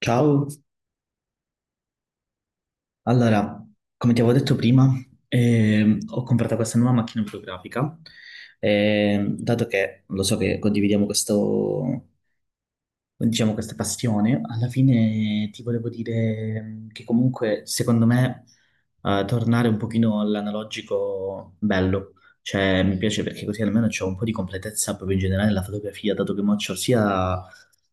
Ciao, allora, come ti avevo detto prima, ho comprato questa nuova macchina fotografica, dato che lo so che condividiamo questo, diciamo, questa passione, alla fine ti volevo dire che comunque, secondo me, tornare un pochino all'analogico bello. Cioè, mi piace perché così almeno c'è un po' di completezza proprio in generale nella fotografia, dato che mo c'ho sia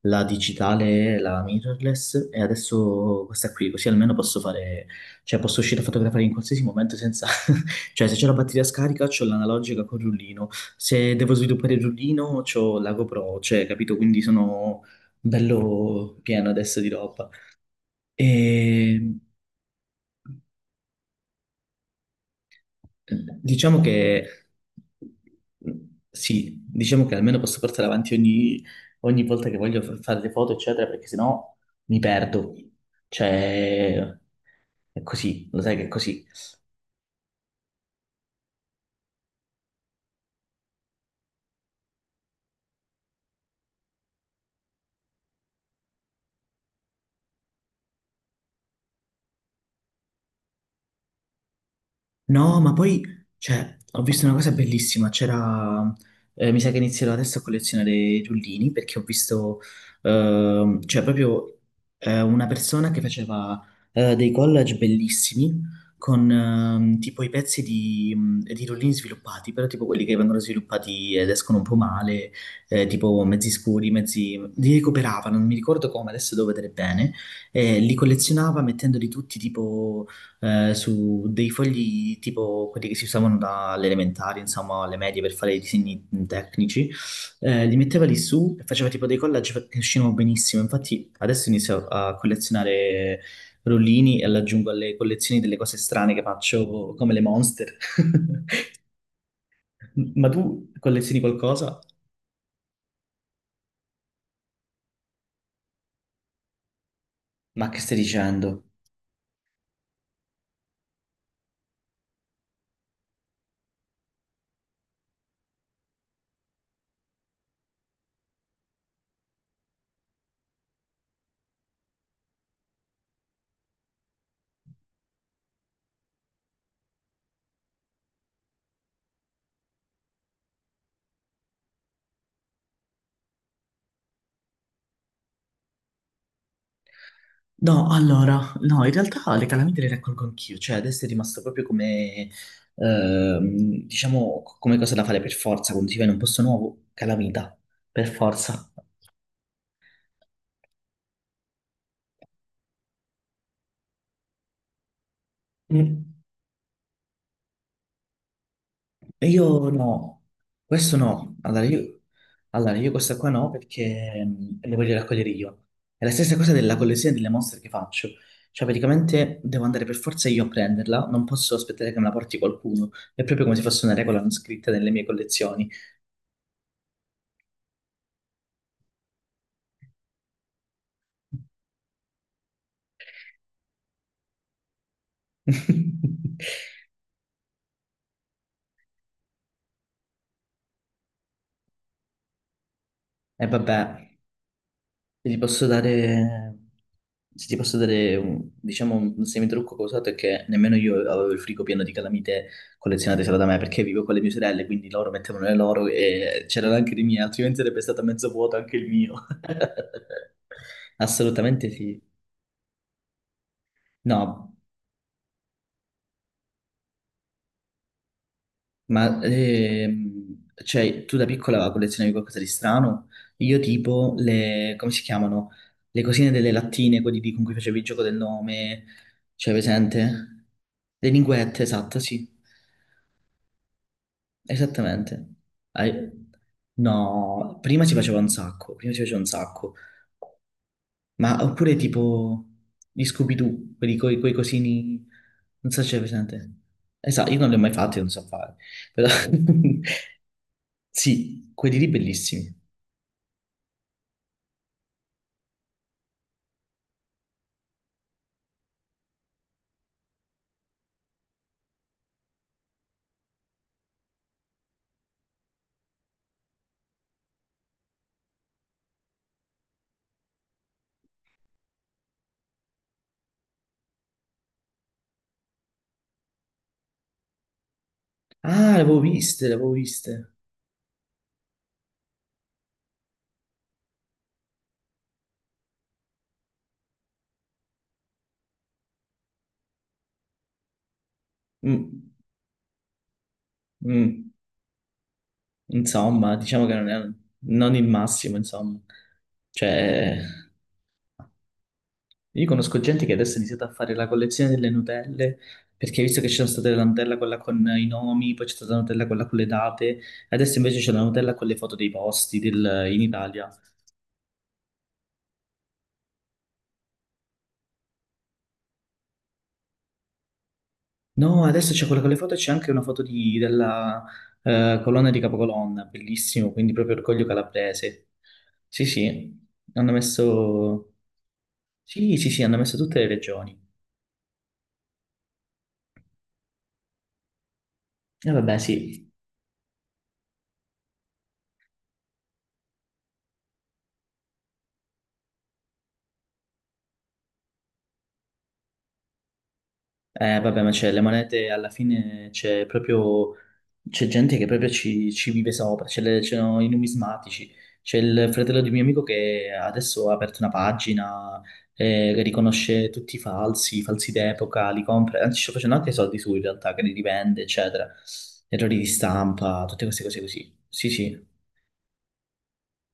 la digitale, la mirrorless, e adesso questa qui, così almeno posso fare, cioè posso uscire a fotografare in qualsiasi momento senza... Cioè, se c'è la batteria scarica, c'ho l'analogica col rullino. Se devo sviluppare il rullino, c'ho la GoPro, cioè, capito? Quindi sono bello pieno adesso di roba. E diciamo che sì, diciamo che almeno posso portare avanti ogni, ogni volta che voglio fa- fare le foto, eccetera, perché sennò mi perdo. Cioè, è così, lo sai che è così. No, ma poi, cioè, ho visto una cosa bellissima, c'era, mi sa che inizierò adesso a collezionare i rullini, perché ho visto, cioè, proprio una persona che faceva dei collage bellissimi con tipo i pezzi di rullini sviluppati, però tipo quelli che vengono sviluppati ed escono un po' male, tipo mezzi scuri, mezzi... li recuperava, non mi ricordo come, adesso devo vedere bene, li collezionava mettendoli tutti tipo su dei fogli tipo quelli che si usavano dalle elementari, insomma, alle medie per fare i disegni tecnici, li metteva lì su e faceva che uscivano benissimo. Infatti adesso inizio a collezionare rollini e li aggiungo alle collezioni delle cose strane che faccio, come le monster. Ma tu collezioni qualcosa? Ma che stai dicendo? No, allora, no, in realtà le calamite le raccolgo anch'io, cioè adesso è rimasto proprio come, diciamo, come cosa da fare per forza, quando si va in un posto nuovo, calamita, per forza. Mm. E io no, questo no, allora io questa qua no perché le voglio raccogliere io. È la stessa cosa della collezione delle mostre che faccio, cioè praticamente devo andare per forza io a prenderla, non posso aspettare che me la porti qualcuno, è proprio come se fosse una regola non scritta nelle mie collezioni. E vabbè, se ti posso dare, se ti posso dare un, diciamo un semitrucco che ho usato è che nemmeno io avevo il frigo pieno di calamite collezionate solo da me perché vivo con le mie sorelle, quindi loro mettevano le loro e c'erano anche le mie, altrimenti sarebbe stato mezzo vuoto anche il mio. Assolutamente sì. No, ma cioè, tu da piccola collezionavi qualcosa di strano? Io tipo le, come si chiamano? Le cosine delle lattine, con cui facevi il gioco del nome, cioè presente? Le linguette, esatto, sì, esattamente. Hai- No, prima si faceva un sacco, prima si faceva un sacco. Ma oppure tipo gli Scooby-Doo, quelli coi, coi cosini, non so se c'è presente. Esatto, io non li ho mai fatti, non so fare, però... Sì, quelli lì bellissimi. Ah, le avevo viste, le avevo viste. Mm, mm. Insomma, diciamo che non il massimo, insomma. Cioè, io conosco gente che adesso ha iniziato a fare la collezione delle Nutelle, perché visto che c'è stata la Nutella quella con i nomi, poi c'è stata la Nutella quella con le date, adesso invece c'è la Nutella con le foto in Italia. No, adesso c'è quella con le foto, c'è anche una della colonna di Capocolonna, bellissimo, quindi proprio Orgoglio Calabrese. Sì, sì, hanno messo... Sì, sì, sì, hanno messo tutte le regioni. E vabbè, sì, eh, vabbè, ma c'è le monete alla fine c'è proprio c'è gente che proprio ci, ci vive sopra, c'erano i numismatici, c'è il fratello di un mio amico che adesso ha aperto una pagina che riconosce tutti i falsi d'epoca, li compra, anzi sta facendo anche soldi su in realtà, che li rivende, eccetera, errori di stampa, tutte queste cose così. Sì, sì.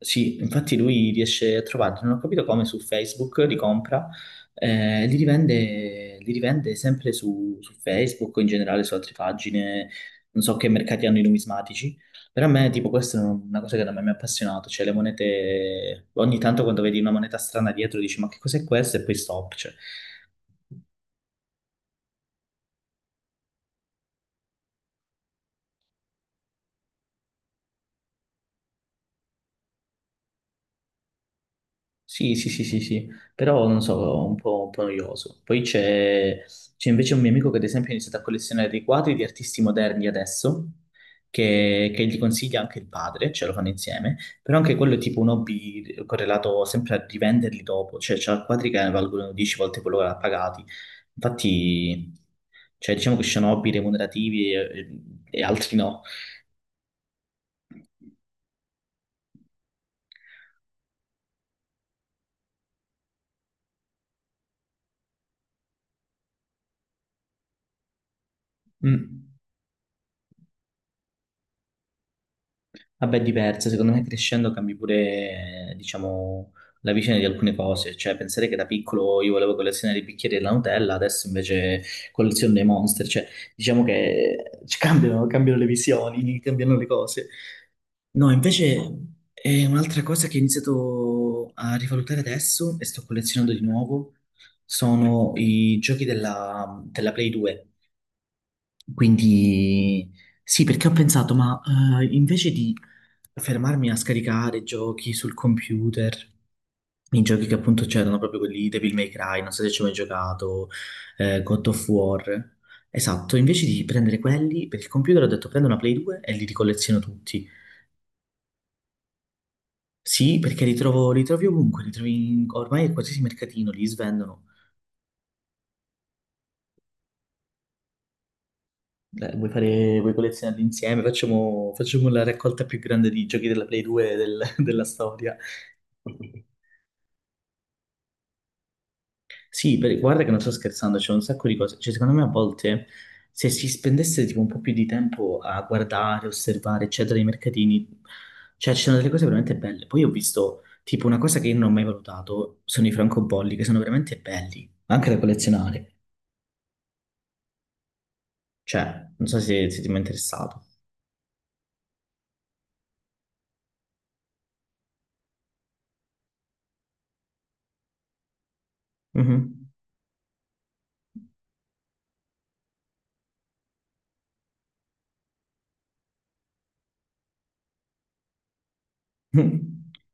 Sì, infatti lui riesce a trovarli, non ho capito come su Facebook li compra, li rivende sempre su, su Facebook o in generale su altre pagine, non so che mercati hanno i numismatici, però a me tipo questa è una cosa che da me mi ha appassionato, cioè le monete, ogni tanto quando vedi una moneta strana dietro dici ma che cos'è questo e poi stop, cioè. Sì, sì, sì, sì, sì, però non so, un po' noioso. Poi c'è c'è invece un mio amico che ad esempio ha iniziato a collezionare dei quadri di artisti moderni adesso, che gli consiglia anche il padre, ce lo fanno insieme, però anche quello è tipo un hobby correlato sempre a rivenderli dopo, cioè c'ha quadri che valgono 10 volte quello che l'ha pagati. Infatti, cioè diciamo che ci sono hobby remunerativi e, e altri no. Mm. Vabbè, diversa, secondo me crescendo cambi pure, diciamo, la visione di alcune cose, cioè pensare che da piccolo io volevo collezionare i bicchieri della Nutella, adesso invece colleziono dei Monster, cioè diciamo che ci cambiano, cambiano le visioni, cambiano le cose. No, invece è un'altra cosa che ho iniziato a rivalutare adesso e sto collezionando di nuovo, sono i giochi della, della Play 2. Quindi sì, perché ho pensato, ma invece di fermarmi a scaricare giochi sul computer, i giochi che appunto c'erano proprio quelli Devil May Cry, non so se ci ho mai giocato, God of War. Esatto, invece di prendere quelli per il computer ho detto prendo una Play 2 e li ricolleziono tutti. Sì, perché li trovo, li trovi ovunque, ormai in qualsiasi mercatino, li svendono. Vuoi fare, vuoi collezionarli insieme? Facciamo, facciamo la raccolta più grande di giochi della della storia. Sì, guarda che non sto scherzando, c'è un sacco di cose. Cioè, secondo me a volte se si spendesse tipo un po' più di tempo a guardare, osservare, eccetera, i mercatini, cioè ci sono delle cose veramente belle. Poi ho visto tipo una cosa che io non ho mai valutato, sono i francobolli, che sono veramente belli, anche da collezionare. Cioè, non so se, se ti è mai interessato. Mhm.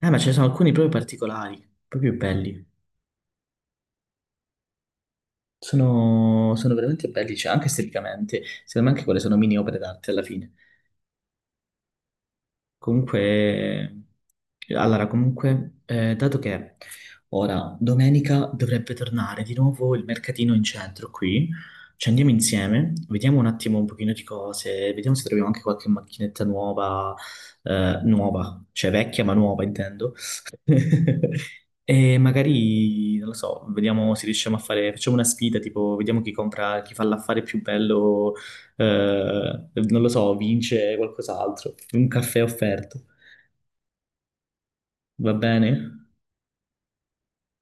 Ma ce ne sono alcuni proprio particolari, proprio belli. Sono, sono veramente belli, cioè, anche esteticamente. Secondo me anche quelle sono mini opere d'arte alla fine. Comunque, allora, comunque, dato che ora domenica dovrebbe tornare di nuovo il mercatino in centro qui, ci andiamo insieme, vediamo un attimo un pochino di cose, vediamo se troviamo anche qualche macchinetta nuova, nuova, cioè vecchia ma nuova intendo. E magari, non lo so, vediamo se riusciamo a fare, facciamo una sfida, tipo, vediamo chi compra, chi fa l'affare più bello non lo so, vince qualcos'altro, un caffè offerto, va bene?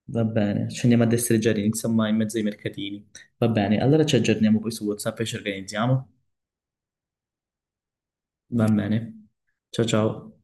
Va bene, ci andiamo a destreggiare, insomma, in mezzo ai mercatini. Va bene, allora ci aggiorniamo poi su WhatsApp e ci organizziamo. Va bene. Ciao ciao.